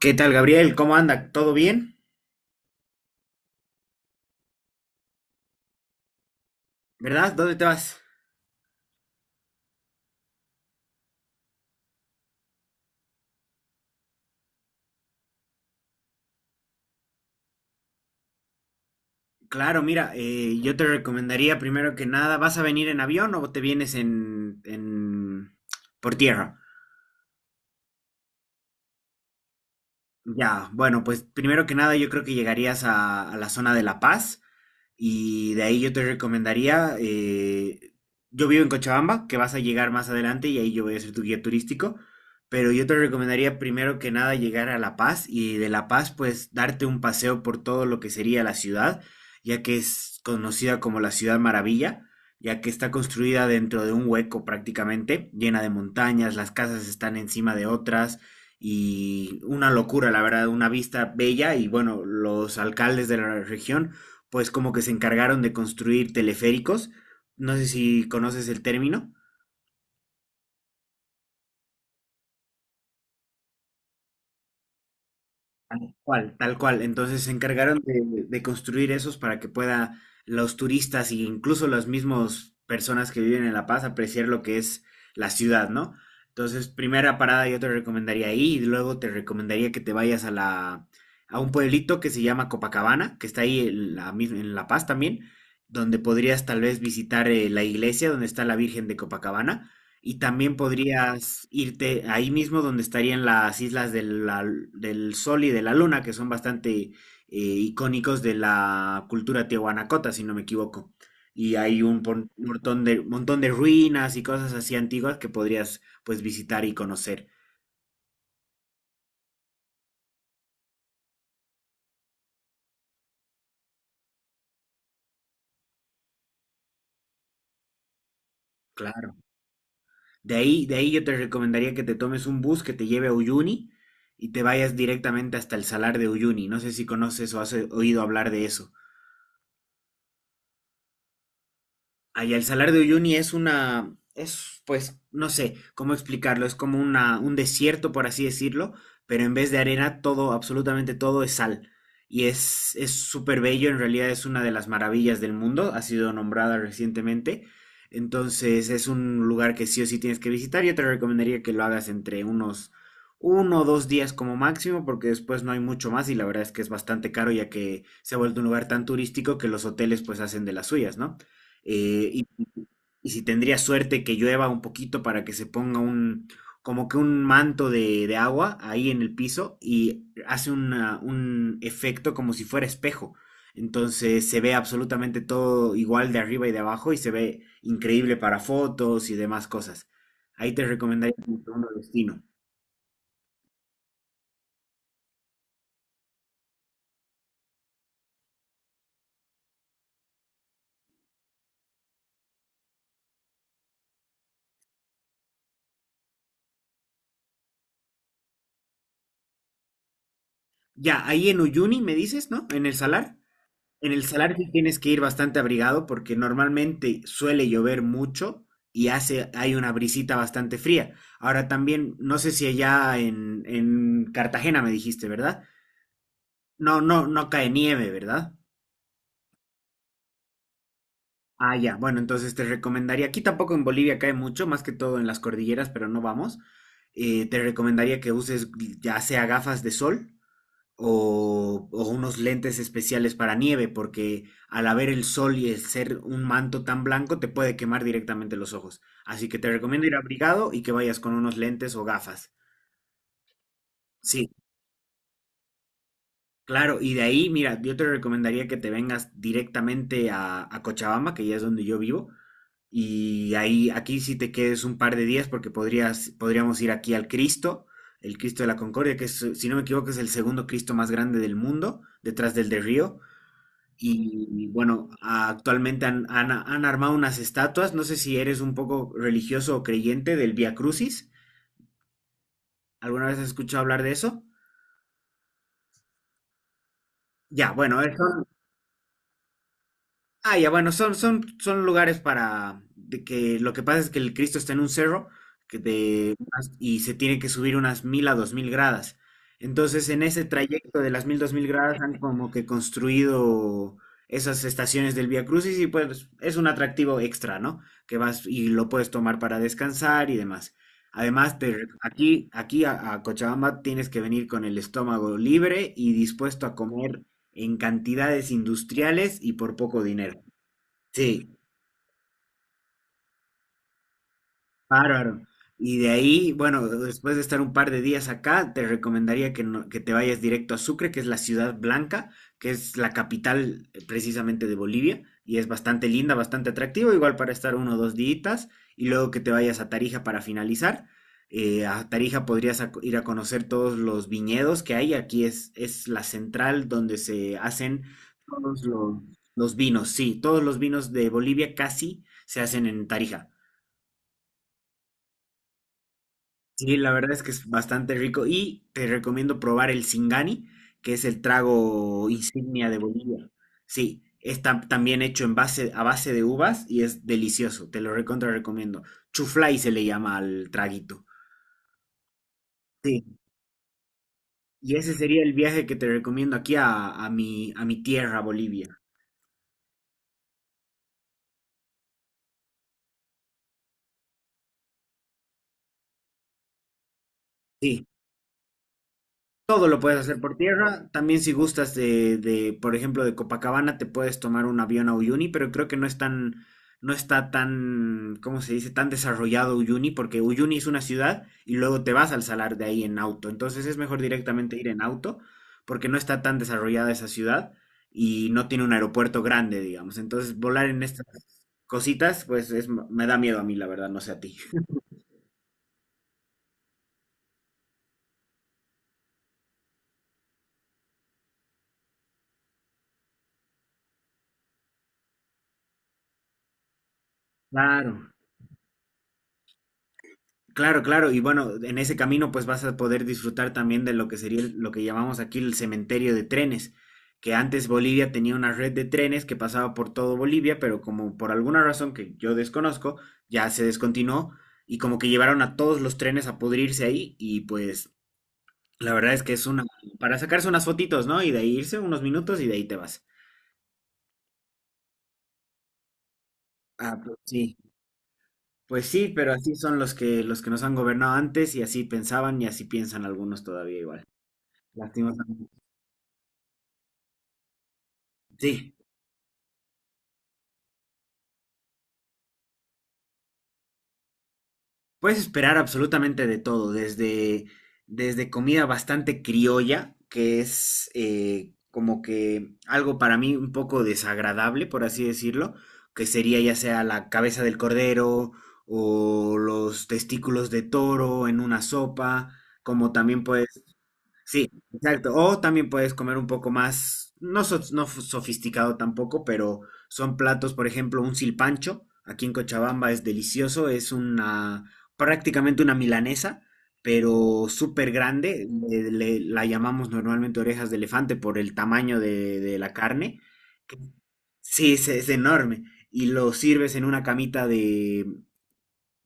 ¿Qué tal, Gabriel? ¿Cómo anda? ¿Todo bien? ¿Verdad? ¿Dónde te vas? Claro, mira, yo te recomendaría primero que nada, ¿vas a venir en avión o te vienes por tierra? Ya, bueno, pues primero que nada yo creo que llegarías a la zona de La Paz. Y de ahí yo te recomendaría, yo vivo en Cochabamba, que vas a llegar más adelante y ahí yo voy a ser tu guía turístico, pero yo te recomendaría primero que nada llegar a La Paz y de La Paz pues darte un paseo por todo lo que sería la ciudad, ya que es conocida como la Ciudad Maravilla, ya que está construida dentro de un hueco prácticamente, llena de montañas, las casas están encima de otras y una locura, la verdad, una vista bella. Y bueno, los alcaldes de la región pues como que se encargaron de construir teleféricos, no sé si conoces el término, cual, tal cual, entonces se encargaron de construir esos para que pueda los turistas e incluso las mismas personas que viven en La Paz apreciar lo que es la ciudad, ¿no? Entonces, primera parada yo te recomendaría ahí y luego te recomendaría que te vayas a un pueblito que se llama Copacabana, que está ahí en La Paz también, donde podrías tal vez visitar la iglesia donde está la Virgen de Copacabana. Y también podrías irte ahí mismo donde estarían las islas del Sol y de la Luna, que son bastante icónicos de la cultura tiahuanacota, si no me equivoco. Y hay un montón de ruinas y cosas así antiguas que podrías pues visitar y conocer. Claro. De ahí yo te recomendaría que te tomes un bus que te lleve a Uyuni y te vayas directamente hasta el Salar de Uyuni. No sé si conoces o has oído hablar de eso. Ay, el Salar de Uyuni es pues, no sé cómo explicarlo, es como un desierto, por así decirlo, pero en vez de arena, todo, absolutamente todo es sal. Y es súper bello, en realidad es una de las maravillas del mundo, ha sido nombrada recientemente. Entonces es un lugar que sí o sí tienes que visitar. Yo te recomendaría que lo hagas entre 1 o 2 días como máximo, porque después no hay mucho más y la verdad es que es bastante caro ya que se ha vuelto un lugar tan turístico que los hoteles pues hacen de las suyas, ¿no? Eh, y y si tendría suerte que llueva un poquito para que se ponga un, como que un manto de agua ahí en el piso y hace un efecto como si fuera espejo. Entonces se ve absolutamente todo igual de arriba y de abajo y se ve increíble para fotos y demás cosas. Ahí te recomendaría como segundo destino. Ya, ahí en Uyuni me dices, ¿no? En el Salar. En el salar sí tienes que ir bastante abrigado porque normalmente suele llover mucho y hace, hay una brisita bastante fría. Ahora también, no sé si allá en Cartagena me dijiste, ¿verdad? No, no, no cae nieve, ¿verdad? Ah, ya. Bueno, entonces te recomendaría, aquí tampoco en Bolivia cae mucho, más que todo en las cordilleras, pero no vamos. Te recomendaría que uses ya sea gafas de sol o unos lentes especiales para nieve, porque al haber el sol y el ser un manto tan blanco te puede quemar directamente los ojos. Así que te recomiendo ir abrigado y que vayas con unos lentes o gafas. Sí, claro, y de ahí, mira, yo te recomendaría que te vengas directamente a Cochabamba, que ya es donde yo vivo, y ahí, aquí sí te quedes un par de días porque podríamos ir aquí al Cristo, el Cristo de la Concordia, que es, si no me equivoco es el segundo Cristo más grande del mundo, detrás del de Río. Y bueno, actualmente han armado unas estatuas. No sé si eres un poco religioso o creyente del Vía Crucis. ¿Alguna vez has escuchado hablar de eso? Ya, bueno, eso. Ah, ya, bueno, son lugares para de que lo que pasa es que el Cristo está en un cerro que de, y se tiene que subir unas 1.000 a 2.000 gradas. Entonces, en ese trayecto de las 1.000, 2.000 gradas han como que construido esas estaciones del Vía Crucis y pues es un atractivo extra, ¿no? Que vas y lo puedes tomar para descansar y demás. Además, aquí a Cochabamba tienes que venir con el estómago libre y dispuesto a comer en cantidades industriales y por poco dinero. Sí. Bárbaro. Y de ahí, bueno, después de estar un par de días acá, te recomendaría que, no- que te vayas directo a Sucre, que es la ciudad blanca, que es la capital precisamente de Bolivia, y es bastante linda, bastante atractivo, igual para estar 1 o 2 días, y luego que te vayas a Tarija para finalizar. A Tarija podrías ir a conocer todos los viñedos que hay, aquí es la central donde se hacen todos los vinos, sí, todos los vinos de Bolivia casi se hacen en Tarija. Sí, la verdad es que es bastante rico y te recomiendo probar el Singani, que es el trago insignia de Bolivia. Sí, está también hecho en base, a base de uvas y es delicioso, te lo recontra recomiendo. Chuflay se le llama al traguito. Sí, y ese sería el viaje que te recomiendo aquí a mi tierra, Bolivia. Sí. Todo lo puedes hacer por tierra. También si gustas por ejemplo, de Copacabana, te puedes tomar un avión a Uyuni, pero creo que no es tan, no está tan, ¿cómo se dice? Tan desarrollado Uyuni, porque Uyuni es una ciudad y luego te vas al salar de ahí en auto. Entonces es mejor directamente ir en auto, porque no está tan desarrollada esa ciudad y no tiene un aeropuerto grande, digamos. Entonces volar en estas cositas, pues es, me da miedo a mí, la verdad, no sé a ti. Claro. Claro, claro, y bueno, en ese camino pues vas a poder disfrutar también de lo que sería lo que llamamos aquí el cementerio de trenes, que antes Bolivia tenía una red de trenes que pasaba por todo Bolivia, pero como por alguna razón que yo desconozco, ya se descontinuó y como que llevaron a todos los trenes a pudrirse ahí y pues la verdad es que es una para sacarse unas fotitos, ¿no? Y de ahí irse unos minutos y de ahí te vas. Ah, pues sí. Pues sí, pero así son los que nos han gobernado antes y así pensaban y así piensan algunos todavía igual. Lastimosamente. Sí, puedes esperar absolutamente de todo, desde comida bastante criolla, que es como que algo para mí un poco desagradable, por así decirlo, que sería ya sea la cabeza del cordero o los testículos de toro en una sopa, como también puedes. Sí, exacto. O también puedes comer un poco más, no, sofisticado tampoco, pero son platos, por ejemplo, un silpancho. Aquí en Cochabamba es delicioso, es una prácticamente una milanesa, pero súper grande. La llamamos normalmente orejas de elefante por el tamaño de la carne. que- Sí, es enorme. Y lo sirves en una camita de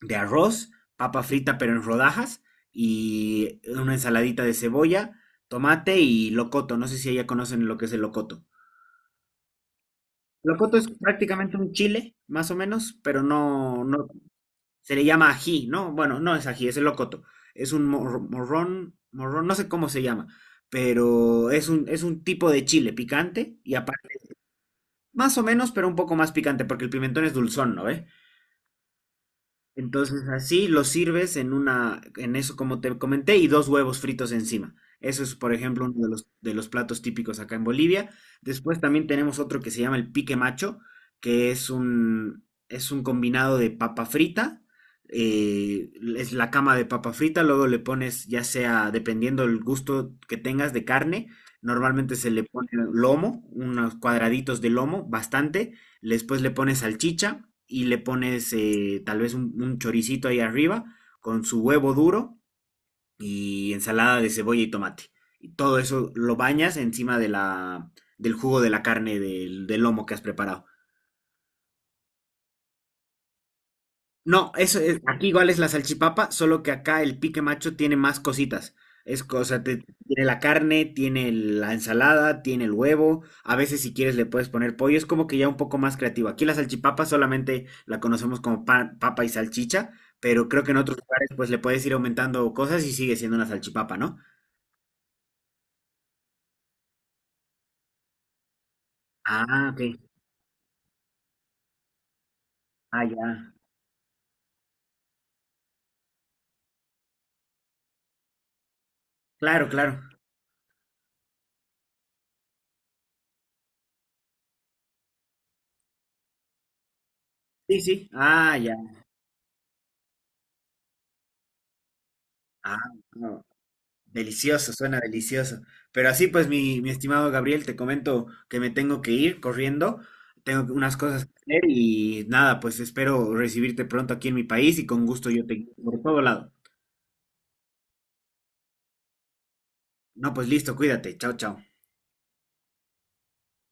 de arroz, papa frita pero en rodajas y una ensaladita de cebolla, tomate y locoto. No sé si ya conocen lo que es el locoto. Locoto es prácticamente un chile, más o menos, pero no, no se le llama ají, ¿no? Bueno, no es ají, es el locoto. Es un morrón, no sé cómo se llama, pero es un tipo de chile picante y aparte, más o menos, pero un poco más picante, porque el pimentón es dulzón, ¿no ve? Entonces así lo sirves en una, en eso como te comenté, y dos huevos fritos encima. Eso es, por ejemplo, uno de los platos típicos acá en Bolivia. Después también tenemos otro que se llama el pique macho, que es un combinado de papa frita, eh, es la cama de papa frita, luego le pones, ya sea, dependiendo el gusto que tengas de carne, normalmente se le pone lomo, unos cuadraditos de lomo, bastante. Después le pones salchicha y le pones tal vez un choricito ahí arriba con su huevo duro y ensalada de cebolla y tomate. Y todo eso lo bañas encima del jugo de la carne del lomo que has preparado. No, eso es, aquí igual es la salchipapa, solo que acá el pique macho tiene más cositas. Es cosa, te- Tiene la carne, tiene el- la ensalada, tiene el huevo. A veces si quieres le puedes poner pollo. Es como que ya un poco más creativo. Aquí la salchipapa solamente la conocemos como papa y salchicha, pero creo que en otros lugares pues le puedes ir aumentando cosas y sigue siendo una salchipapa, ¿no? Ah, ok. Ah, ya. Claro, claro. Sí, sí. Ah, ya. Ah, ah, delicioso, suena delicioso. Pero así pues, mi estimado Gabriel, te comento que me tengo que ir corriendo, tengo unas cosas que hacer y nada, pues espero recibirte pronto aquí en mi país y con gusto yo te guío por todo lado. No, pues listo, cuídate. Chao, chao.